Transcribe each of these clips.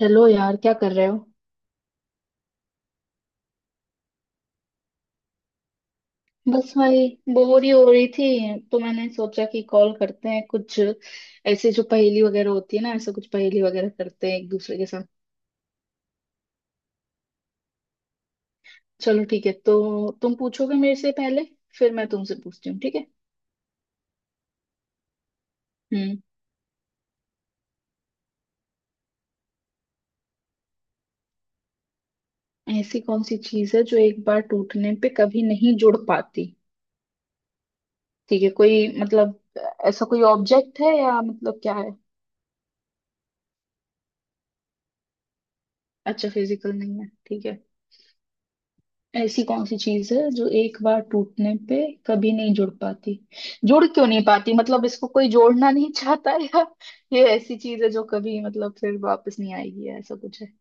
Hello यार, क्या कर रहे हो। बस भाई, बोर ही हो रही थी तो मैंने सोचा कि कॉल करते हैं। कुछ ऐसे जो पहेली वगैरह होती है ना, ऐसा कुछ पहेली वगैरह करते हैं एक दूसरे के साथ। चलो ठीक है, तो तुम पूछोगे मेरे से पहले, फिर मैं तुमसे पूछती हूँ, ठीक है। हम्म। ऐसी कौन सी चीज है जो एक बार टूटने पे कभी नहीं जुड़ पाती। ठीक है, कोई मतलब, ऐसा कोई ऑब्जेक्ट है या मतलब क्या है। अच्छा, फिजिकल नहीं है, ठीक है। ऐसी कौन सी चीज है जो एक बार टूटने पे कभी नहीं जुड़ पाती। जुड़ क्यों नहीं पाती, मतलब इसको कोई जोड़ना नहीं चाहता, या ये ऐसी चीज है जो कभी मतलब फिर वापस नहीं आएगी, या ऐसा कुछ है।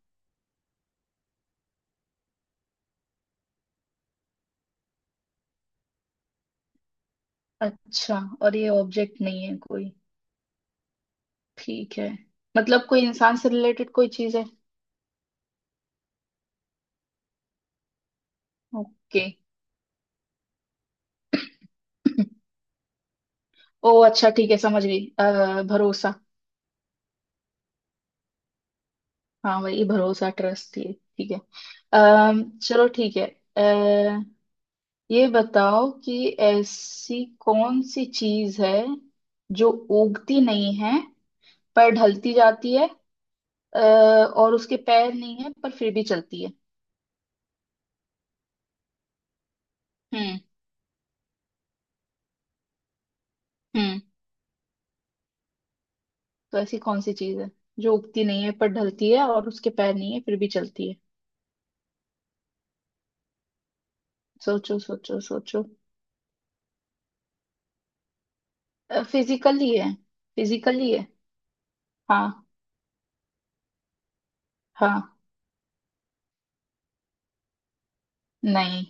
अच्छा, और ये ऑब्जेक्ट नहीं है कोई, ठीक है। मतलब कोई इंसान से रिलेटेड कोई चीज है। ओके। ओ अच्छा ठीक है, समझ गई। भरोसा। हाँ वही भरोसा, ट्रस्ट ये, ठीक है। अः चलो ठीक है। ये बताओ कि ऐसी कौन सी चीज है जो उगती नहीं है पर ढलती जाती है, अ, और उसके पैर नहीं है पर फिर भी चलती है। हम्म हम्म तो ऐसी कौन सी चीज है जो उगती नहीं है पर ढलती है, और उसके पैर नहीं है फिर भी चलती है। सोचो सोचो सोचो। फिजिकली है, फिजिकली है। हाँ। हाँ, नहीं,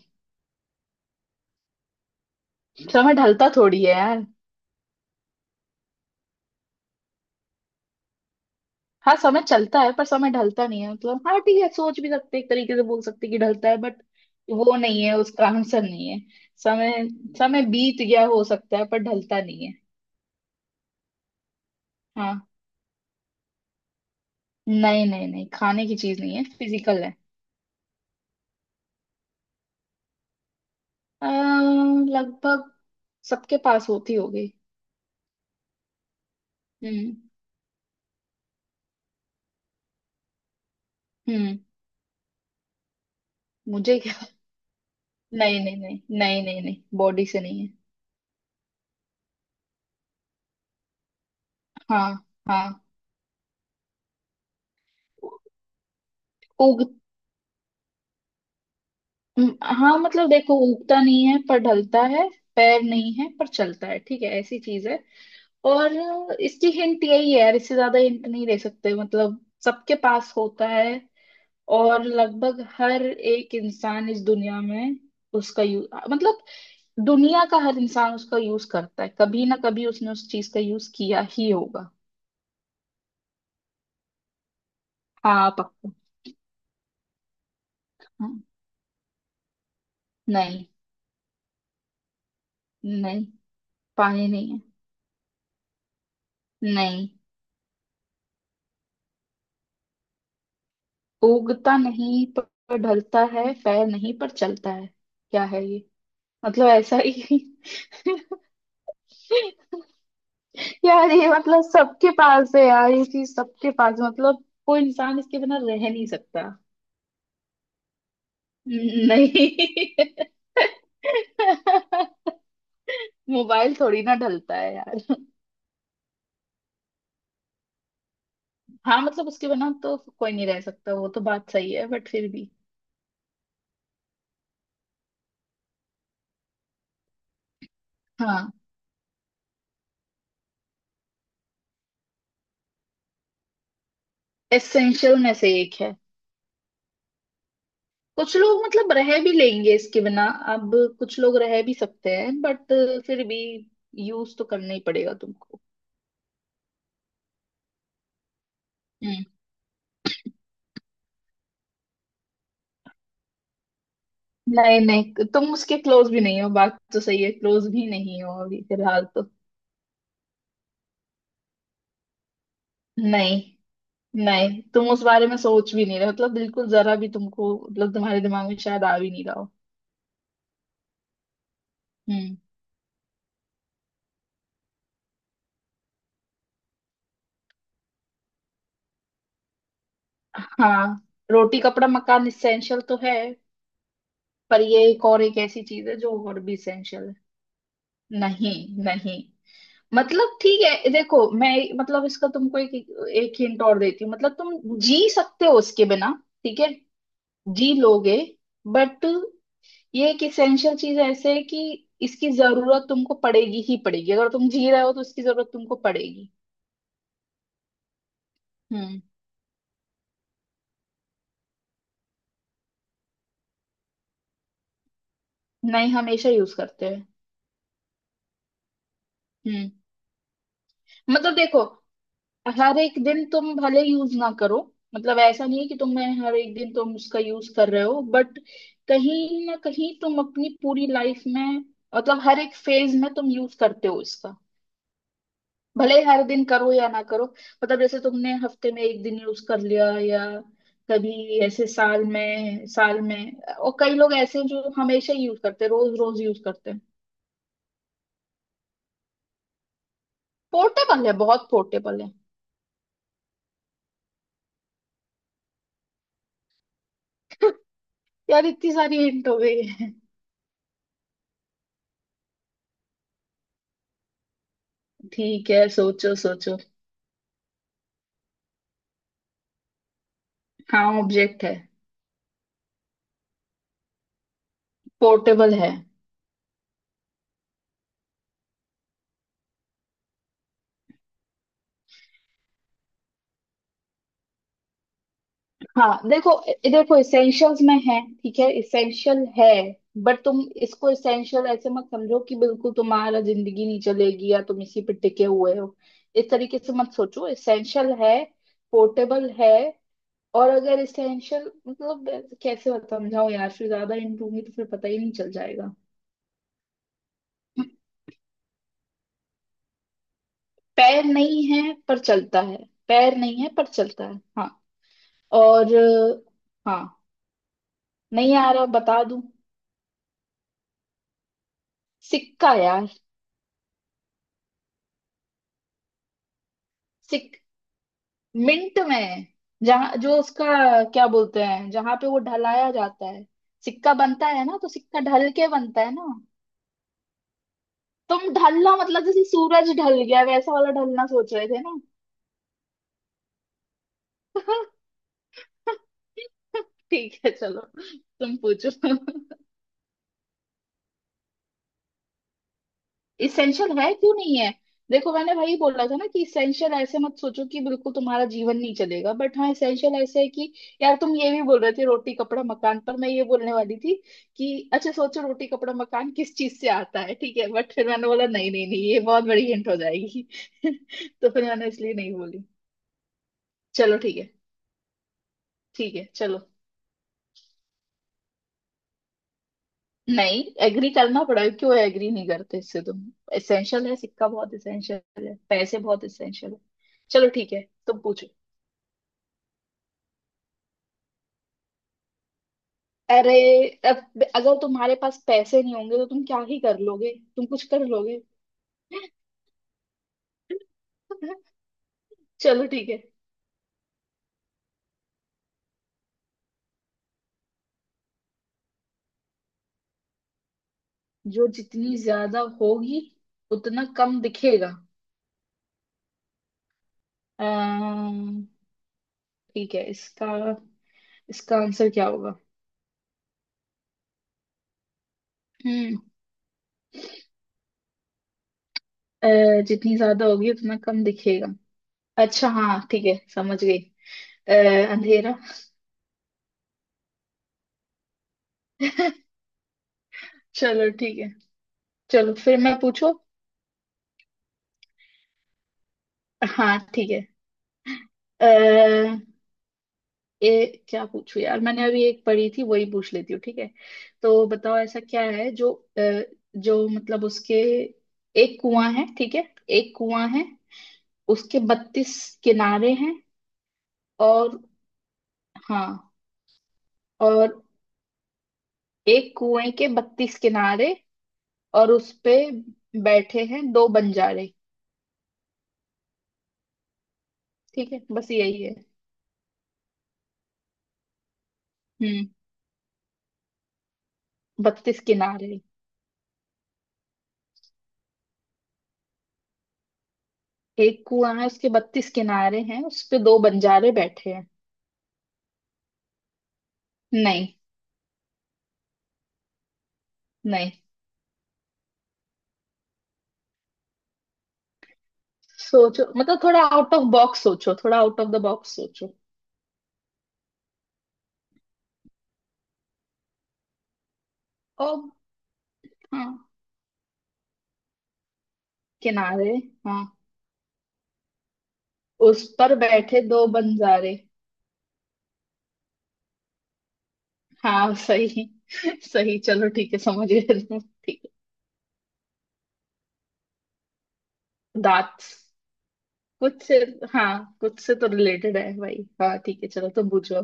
समय ढलता थोड़ी है यार। हाँ समय चलता है पर समय ढलता नहीं है, मतलब हाँ ठीक है, सोच भी सकते हैं, एक तरीके से बोल सकते हैं कि ढलता है, बट वो नहीं है, उसका आंसर नहीं है समय। समय बीत गया हो सकता है पर ढलता नहीं है। हाँ। नहीं नहीं नहीं, खाने की चीज नहीं है, फिजिकल है। अ, लगभग सबके पास होती होगी। हम्म। हम्म मुझे क्या। नहीं नहीं नहीं नहीं नहीं नहीं, बॉडी से नहीं है। हाँ। हाँ। उग। हाँ मतलब देखो, उगता नहीं है पर ढलता है, पैर नहीं है पर चलता है, ठीक है, ऐसी चीज है। और इसकी हिंट यही है यार, इससे ज्यादा हिंट नहीं दे सकते। मतलब सबके पास होता है, और लगभग हर एक इंसान इस दुनिया में उसका यूज, मतलब दुनिया का हर इंसान उसका यूज करता है। कभी ना कभी उसने उस चीज का यूज किया ही होगा। हाँ पक्का। हाँ। नहीं, नहीं पानी नहीं है। नहीं। उगता नहीं पर ढलता है, पैर नहीं पर चलता है। क्या है ये, मतलब ऐसा ही। यार ये मतलब सबके पास है यार, ये चीज सबके पास है। मतलब कोई इंसान इसके बिना रह नहीं सकता। नहीं। मोबाइल थोड़ी ना ढलता है यार। हाँ मतलब उसके बिना तो कोई नहीं रह सकता, वो तो बात सही है, बट फिर भी। हाँ, एसेंशियल में से एक है। कुछ लोग मतलब रह भी लेंगे इसके बिना। अब कुछ लोग रह भी सकते हैं, बट फिर भी यूज तो करना ही पड़ेगा तुमको। हम्म। नहीं नहीं, तुम उसके क्लोज भी नहीं हो, बात तो सही है, क्लोज भी नहीं हो अभी फिलहाल तो। नहीं नहीं, तुम उस बारे में सोच भी नहीं रहे, मतलब बिल्कुल जरा भी तुमको, मतलब तुम्हारे दिमाग में शायद आ भी नहीं रहा हो। हम्म। हाँ, रोटी कपड़ा मकान इसेंशियल तो है, पर ये एक, और एक ऐसी चीज है जो और भी इसेंशियल है। नहीं नहीं, मतलब ठीक है देखो, मैं मतलब इसका तुमको एक, एक हिंट और देती हूँ। मतलब तुम जी सकते हो उसके बिना, ठीक है, जी लोगे, बट ये एक इसेंशियल चीज ऐसे है कि इसकी जरूरत तुमको पड़ेगी ही पड़ेगी। अगर तुम जी रहे हो तो इसकी जरूरत तुमको पड़ेगी। हम्म। नहीं, हमेशा यूज करते हैं। हम्म मतलब देखो, हर एक दिन तुम भले यूज ना करो, मतलब ऐसा नहीं है कि तुम, मैं हर एक दिन तुम उसका यूज कर रहे हो, बट कहीं ना कहीं तुम अपनी पूरी लाइफ में, मतलब हर एक फेज में तुम यूज करते हो इसका। भले ही हर दिन करो या ना करो। मतलब जैसे तुमने हफ्ते में एक दिन यूज कर लिया, या कभी ऐसे साल में, साल में, और कई लोग ऐसे हैं जो हमेशा ही यूज करते हैं, रोज रोज यूज करते हैं। पोर्टेबल है, बहुत पोर्टेबल है। यार इतनी सारी हिंट हो गई है। ठीक है सोचो सोचो। हाँ ऑब्जेक्ट है, पोर्टेबल है। हाँ देखो, देखो इसेंशियल्स में है, ठीक है इसेंशियल है, बट तुम इसको इसेंशियल ऐसे मत समझो कि बिल्कुल तुम्हारा जिंदगी नहीं चलेगी, या तुम इसी पे टिके हुए हो। इस तरीके से मत सोचो। इसेंशियल है, पोर्टेबल है। और अगर इसेंशियल मतलब, कैसे समझाओ यार, फिर ज्यादा इन दूंगी तो फिर पता ही नहीं चल जाएगा। पैर नहीं है पर चलता है, पैर नहीं है पर चलता है हाँ। और हाँ, नहीं आ रहा, बता दूं। सिक्का यार। सिक मिंट में, जहाँ, जो उसका क्या बोलते हैं, जहाँ पे वो ढलाया जाता है। सिक्का बनता है ना, तो सिक्का ढल के बनता है ना। तुम ढलना मतलब जैसे सूरज ढल गया वैसा वाला ढलना सोच रहे थे ना। ठीक है चलो, तुम पूछो। इसेंशियल है, क्यों नहीं है। देखो मैंने वही बोला था ना कि इसेंशियल ऐसे मत सोचो कि बिल्कुल तुम्हारा जीवन नहीं चलेगा, बट हाँ इसेंशियल ऐसे है कि, यार तुम ये भी बोल रहे थे रोटी कपड़ा मकान, पर मैं ये बोलने वाली थी कि अच्छा सोचो रोटी कपड़ा मकान किस चीज से आता है, ठीक है, बट फिर मैंने बोला नहीं नहीं नहीं, ये बहुत बड़ी हिंट हो जाएगी। तो फिर मैंने इसलिए नहीं बोली। चलो ठीक है। ठीक है चलो। नहीं एग्री करना पड़ा, क्यों एग्री नहीं करते इससे तुम। इसेंशियल है सिक्का, बहुत इसेंशियल है पैसे, बहुत इसेंशियल है। चलो ठीक है, तुम पूछो। अरे, अब अगर तुम्हारे पास पैसे नहीं होंगे तो तुम क्या ही कर लोगे, तुम कुछ कर लोगे। चलो ठीक है। जो जितनी ज्यादा होगी उतना कम दिखेगा। अम्म, ठीक है, इसका इसका आंसर क्या होगा। हम्म। जितनी ज्यादा होगी उतना कम दिखेगा, अच्छा हाँ ठीक है समझ गई। अ, अंधेरा। चलो ठीक है, चलो फिर मैं पूछू। हाँ ठीक है। ये क्या पूछू यार, मैंने अभी एक पढ़ी थी वही पूछ लेती हूँ, ठीक है। तो बताओ ऐसा क्या है जो अ, जो मतलब उसके, एक कुआं है ठीक है, एक कुआं है, उसके 32 किनारे हैं, और हाँ, और एक कुएं के 32 किनारे, और उस पे बैठे हैं दो बंजारे। ठीक है बस यही है। हम्म 32 किनारे। एक कुआं है, उसके बत्तीस किनारे हैं, उस पे दो बंजारे बैठे हैं। नहीं। नहीं, सोचो मतलब थोड़ा आउट ऑफ बॉक्स सोचो, थोड़ा आउट ऑफ द बॉक्स सोचो। और हाँ, किनारे हाँ, उस पर बैठे दो बंजारे। हाँ सही। सही, चलो ठीक है समझ गए। ठीक है। दांत। कुछ से, हाँ कुछ से तो रिलेटेड है भाई। हाँ ठीक है, चलो तुम पूछो।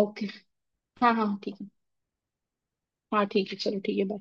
ओके। हाँ हाँ ठीक है। हाँ ठीक है, चलो ठीक है bye।